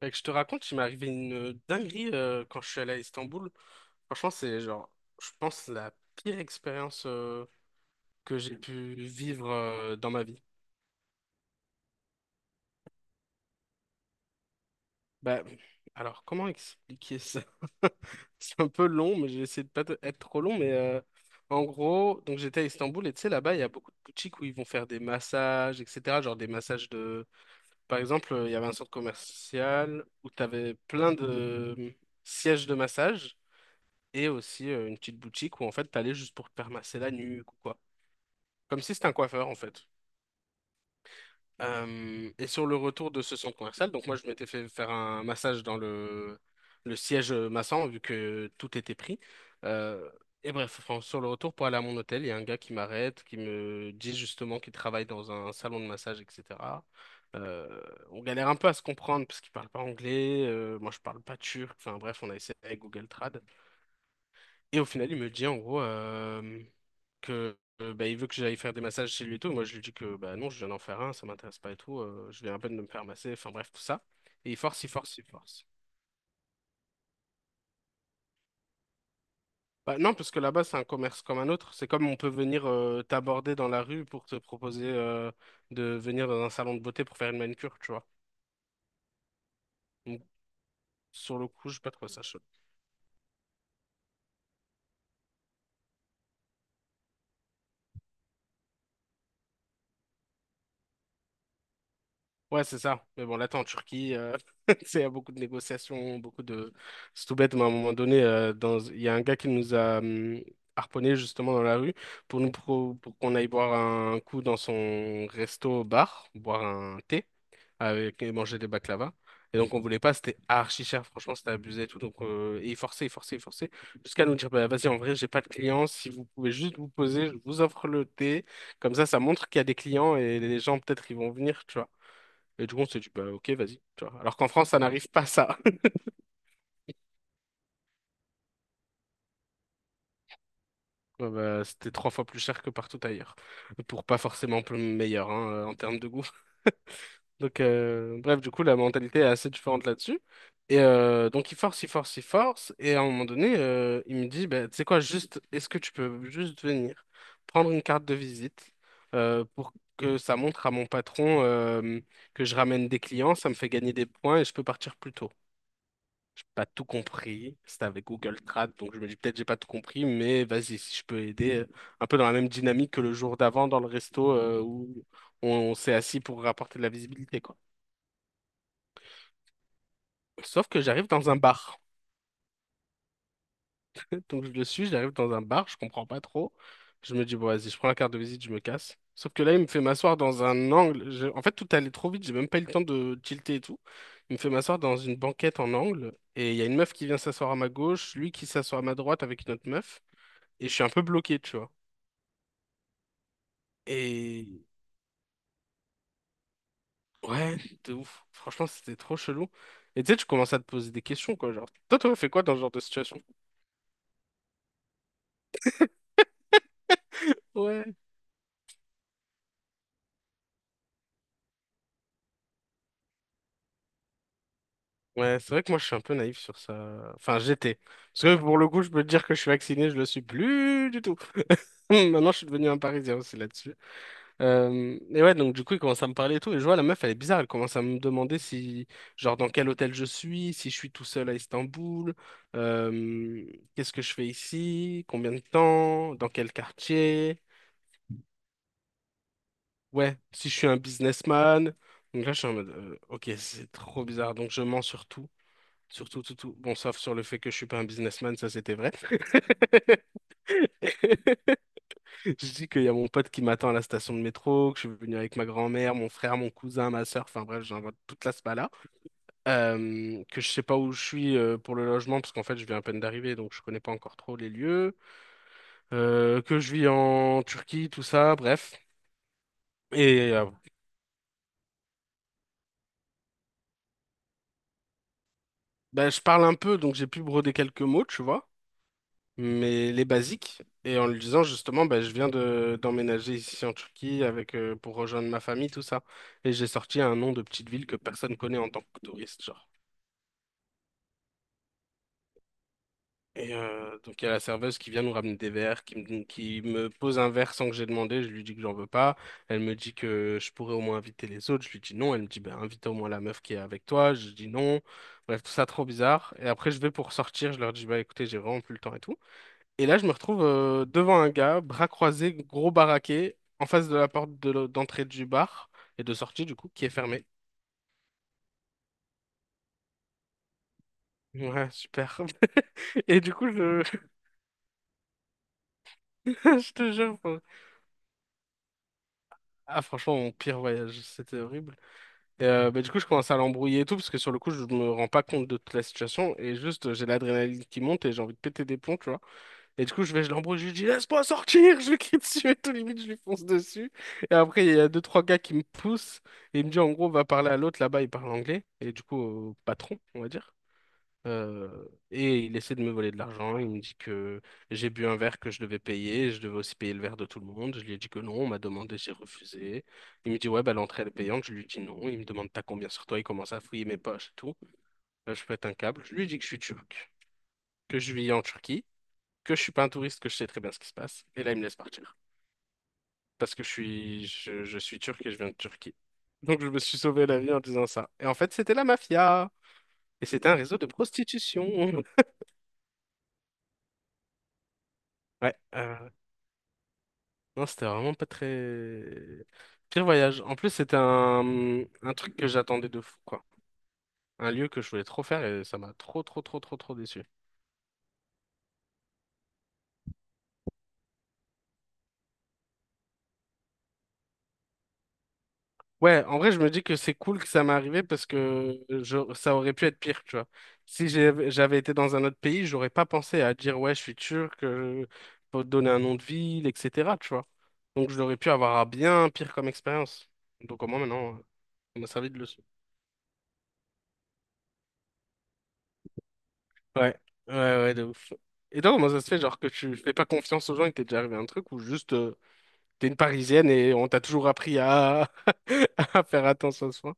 Fait que je te raconte, il m'est arrivé une dinguerie quand je suis allé à Istanbul. Franchement, c'est genre, je pense, la pire expérience que j'ai pu vivre dans ma vie. Bah, alors, comment expliquer ça? C'est un peu long, mais j'ai essayé de pas être trop long. Mais en gros, donc j'étais à Istanbul et tu sais, là-bas, il y a beaucoup de boutiques où ils vont faire des massages, etc. Genre des massages de. Par exemple, il y avait un centre commercial où tu avais plein de sièges de massage. Et aussi une petite boutique où en fait t'allais juste pour te faire masser la nuque ou quoi. Comme si c'était un coiffeur en fait. Et sur le retour de ce centre commercial, donc moi je m'étais fait faire un massage dans le siège massant vu que tout était pris. Euh, et bref, enfin, sur le retour pour aller à mon hôtel, il y a un gars qui m'arrête, qui me dit justement qu'il travaille dans un salon de massage, etc. Euh, on galère un peu à se comprendre parce qu'il parle pas anglais, moi je parle pas turc, enfin bref, on a essayé avec Google Trad. Et au final, il me dit en gros que bah, il veut que j'aille faire des massages chez lui et tout. Moi, je lui dis que bah non, je viens d'en faire un, ça m'intéresse pas et tout. Je viens à peine de me faire masser, enfin bref, tout ça. Et il force, il force, il force. Bah non, parce que là-bas, c'est un commerce comme un autre. C'est comme on peut venir t'aborder dans la rue pour te proposer de venir dans un salon de beauté pour faire une manicure, tu vois. Donc, sur le coup, je sais pas trop ça. Ouais, c'est ça. Mais bon, là, t'es en Turquie, il y a beaucoup de négociations, beaucoup de... C'est tout bête, mais à un moment donné, il y a un gars qui nous a harponné justement dans la rue pour nous pour qu'on aille boire un coup dans son resto-bar, boire un thé et manger des baklava. Et donc, on voulait pas, c'était archi cher, franchement, c'était abusé et tout. Donc, et il forçait, il forçait, il forçait, jusqu'à nous dire, bah, vas-y, en vrai, j'ai pas de clients, si vous pouvez juste vous poser, je vous offre le thé. Comme ça montre qu'il y a des clients et les gens, peut-être, ils vont venir, tu vois. Et du coup, on s'est dit, bah, ok, vas-y, tu vois. Alors qu'en France, ça n'arrive pas ça. Ouais, bah, c'était trois fois plus cher que partout ailleurs. Pour pas forcément plus meilleur hein, en termes de goût. Donc, bref, du coup, la mentalité est assez différente là-dessus. Et donc, il force, il force, il force. Et à un moment donné, il me dit, bah, tu sais quoi, juste, est-ce que tu peux juste venir prendre une carte de visite pour que ça montre à mon patron que je ramène des clients, ça me fait gagner des points et je peux partir plus tôt. Pas tout compris. C'était avec Google Trad, donc je me dis peut-être j'ai pas tout compris, mais vas-y, si je peux aider, un peu dans la même dynamique que le jour d'avant dans le resto où on s'est assis pour rapporter de la visibilité, quoi. Sauf que j'arrive dans un bar. Donc je le suis, j'arrive dans un bar, je comprends pas trop. Je me dis, bon, vas-y, je prends la carte de visite, je me casse. Sauf que là, il me fait m'asseoir dans un angle. En fait, tout allait trop vite, j'ai même pas eu le temps de tilter et tout. Il me fait m'asseoir dans une banquette en angle. Et il y a une meuf qui vient s'asseoir à ma gauche, lui qui s'assoit à ma droite avec une autre meuf. Et je suis un peu bloqué, tu vois. Et ouais, de ouf. Franchement, c'était trop chelou. Et tu sais, tu commences à te poser des questions, quoi. Genre, toi, t'aurais fait quoi dans ce genre de situation? Ouais. Ouais, c'est vrai que moi, je suis un peu naïf sur ça. Enfin, j'étais. Parce que pour le coup, je peux te dire que je suis vacciné, je le suis plus du tout. Maintenant, je suis devenu un Parisien aussi là-dessus. Et ouais, donc du coup, il commence à me parler et tout. Et je vois, la meuf, elle est bizarre. Elle commence à me demander si, genre, dans quel hôtel je suis, si je suis tout seul à Istanbul, euh, qu'est-ce que je fais ici, combien de temps, dans quel quartier, ouais, si je suis un businessman. Donc là, je suis en mode, ok, c'est trop bizarre. Donc je mens sur tout, tout, tout. Bon, sauf sur le fait que je suis pas un businessman, ça c'était vrai. Je dis qu'il y a mon pote qui m'attend à la station de métro, que je suis venu avec ma grand-mère, mon frère, mon cousin, ma sœur, enfin bref, j'invente toute la spala. Que je sais pas où je suis pour le logement, parce qu'en fait, je viens à peine d'arriver, donc je connais pas encore trop les lieux. Que je vis en Turquie, tout ça, bref. Et ben, je parle un peu, donc j'ai pu broder quelques mots, tu vois, mais les basiques. Et en lui disant justement, ben, je viens de d'emménager ici en Turquie avec pour rejoindre ma famille, tout ça. Et j'ai sorti un nom de petite ville que personne connaît en tant que touriste, genre. Et donc il y a la serveuse qui vient nous ramener des verres, qui me pose un verre sans que j'ai demandé, je lui dis que j'en veux pas, elle me dit que je pourrais au moins inviter les autres, je lui dis non, elle me dit ben invite au moins la meuf qui est avec toi, je dis non, bref tout ça trop bizarre, et après je vais pour sortir, je leur dis bah écoutez j'ai vraiment plus le temps et tout, et là je me retrouve devant un gars, bras croisés, gros baraqué, en face de la porte de d'entrée du bar, et de sortie du coup, qui est fermée. Ouais, super. Et du coup, je te jure, enfin, ah franchement, mon pire voyage, c'était horrible. Et, bah, du coup, je commence à l'embrouiller et tout, parce que sur le coup, je me rends pas compte de toute la situation, et juste, j'ai l'adrénaline qui monte, et j'ai envie de péter des plombs, tu vois. Et du coup, je vais, je l'embrouille, je lui dis, laisse-moi sortir, je lui crie dessus, et tout, limite, je lui fonce dessus. Et après, il y a deux, trois gars qui me poussent, et il me dit, en gros, va parler à l'autre, là-bas, il parle anglais, et du coup, au patron, on va dire. Et il essaie de me voler de l'argent. Il me dit que j'ai bu un verre que je devais payer. Je devais aussi payer le verre de tout le monde. Je lui ai dit que non. On m'a demandé, j'ai refusé. Il me dit, ouais, bah, l'entrée elle est payante. Je lui dis non. Il me demande, t'as combien sur toi? Il commence à fouiller mes poches et tout. Je pète un câble. Je lui dis que je suis turc, que je vis en Turquie, que je suis pas un touriste, que je sais très bien ce qui se passe. Et là, il me laisse partir. Parce que je suis turc et je viens de Turquie. Donc, je me suis sauvé la vie en disant ça. Et en fait, c'était la mafia. Et c'était un réseau de prostitution. Ouais. Non, c'était vraiment pas très... Pire voyage. En plus, c'était un truc que j'attendais de fou, quoi. Un lieu que je voulais trop faire et ça m'a trop, trop, trop, trop, trop déçu. Ouais, en vrai, je me dis que c'est cool que ça m'est arrivé parce que ça aurait pu être pire, tu vois. Si j'avais été dans un autre pays, j'aurais pas pensé à dire, ouais, je suis turc, faut te donner un nom de ville, etc., tu vois. Donc, j'aurais pu avoir un bien pire comme expérience. Donc, au moins, maintenant, ça m'a servi de leçon. Ouais, ouais, ouais, de ouf. Et donc, comment ça se fait, genre, que tu fais pas confiance aux gens et que t'es déjà arrivé à un truc ou juste t'es une Parisienne et on t'a toujours appris à faire attention à soi?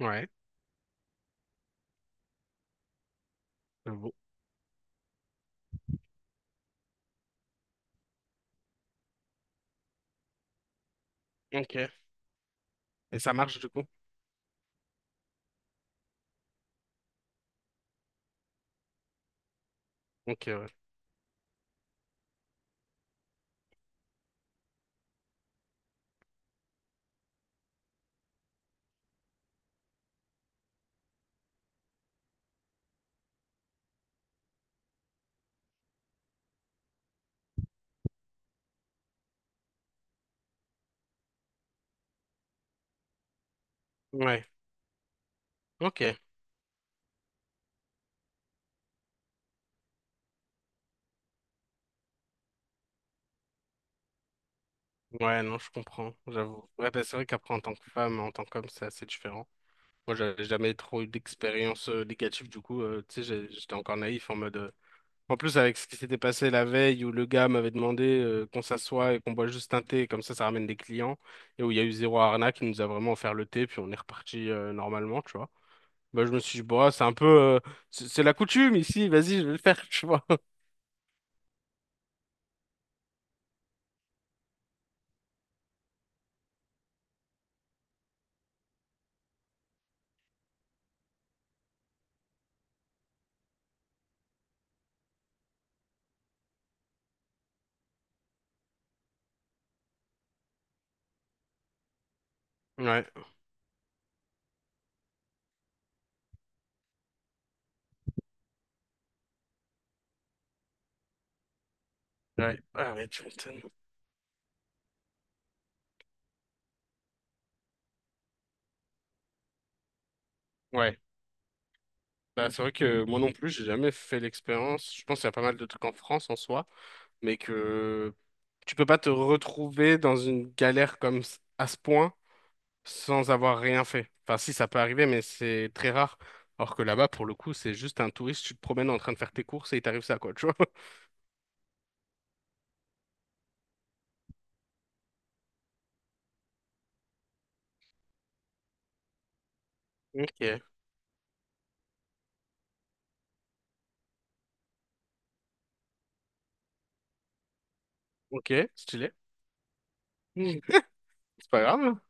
Ouais, j'avoue. Ok. Et ça marche du coup? Ok, ouais. Ouais, ok. Ouais, non, je comprends, j'avoue. Ouais, bah, c'est vrai qu'après, en tant que femme, en tant qu'homme, c'est assez différent. Moi, j'avais jamais trop eu d'expérience négative, du coup, tu sais, j'étais encore naïf en mode. En plus, avec ce qui s'était passé la veille où le gars m'avait demandé qu'on s'assoie et qu'on boit juste un thé, comme ça ramène des clients, et où il y a eu zéro arnaque, il nous a vraiment offert le thé, puis on est reparti normalement, tu vois. Bah, je me suis dit, bah, c'est un peu. C'est la coutume ici, vas-y, je vais le faire, tu vois. Ouais, ouais, ah ouais, tu m'étonnes. Ouais, bah, c'est vrai que moi non plus, j'ai jamais fait l'expérience. Je pense qu'il y a pas mal de trucs en France en soi, mais que tu peux pas te retrouver dans une galère comme à ce point sans avoir rien fait. Enfin, si, ça peut arriver, mais c'est très rare. Alors que là-bas, pour le coup, c'est juste un touriste, tu te promènes en train de faire tes courses et il t'arrive ça, quoi, tu vois. Ok, ok, stylé. Mm. C'est pas grave, hein.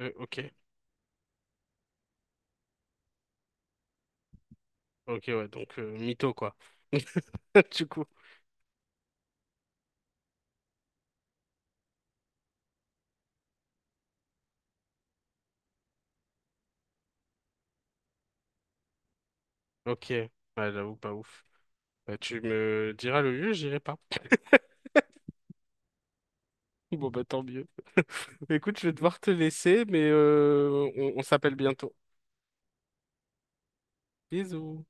Ok, ok, ouais, donc mytho, quoi. Du coup, ok. Ouais, j'avoue, pas ouf. Bah, tu me diras le lieu, j'irai pas. Bon, bah, tant mieux. Écoute, je vais devoir te laisser, mais on s'appelle bientôt. Bisous.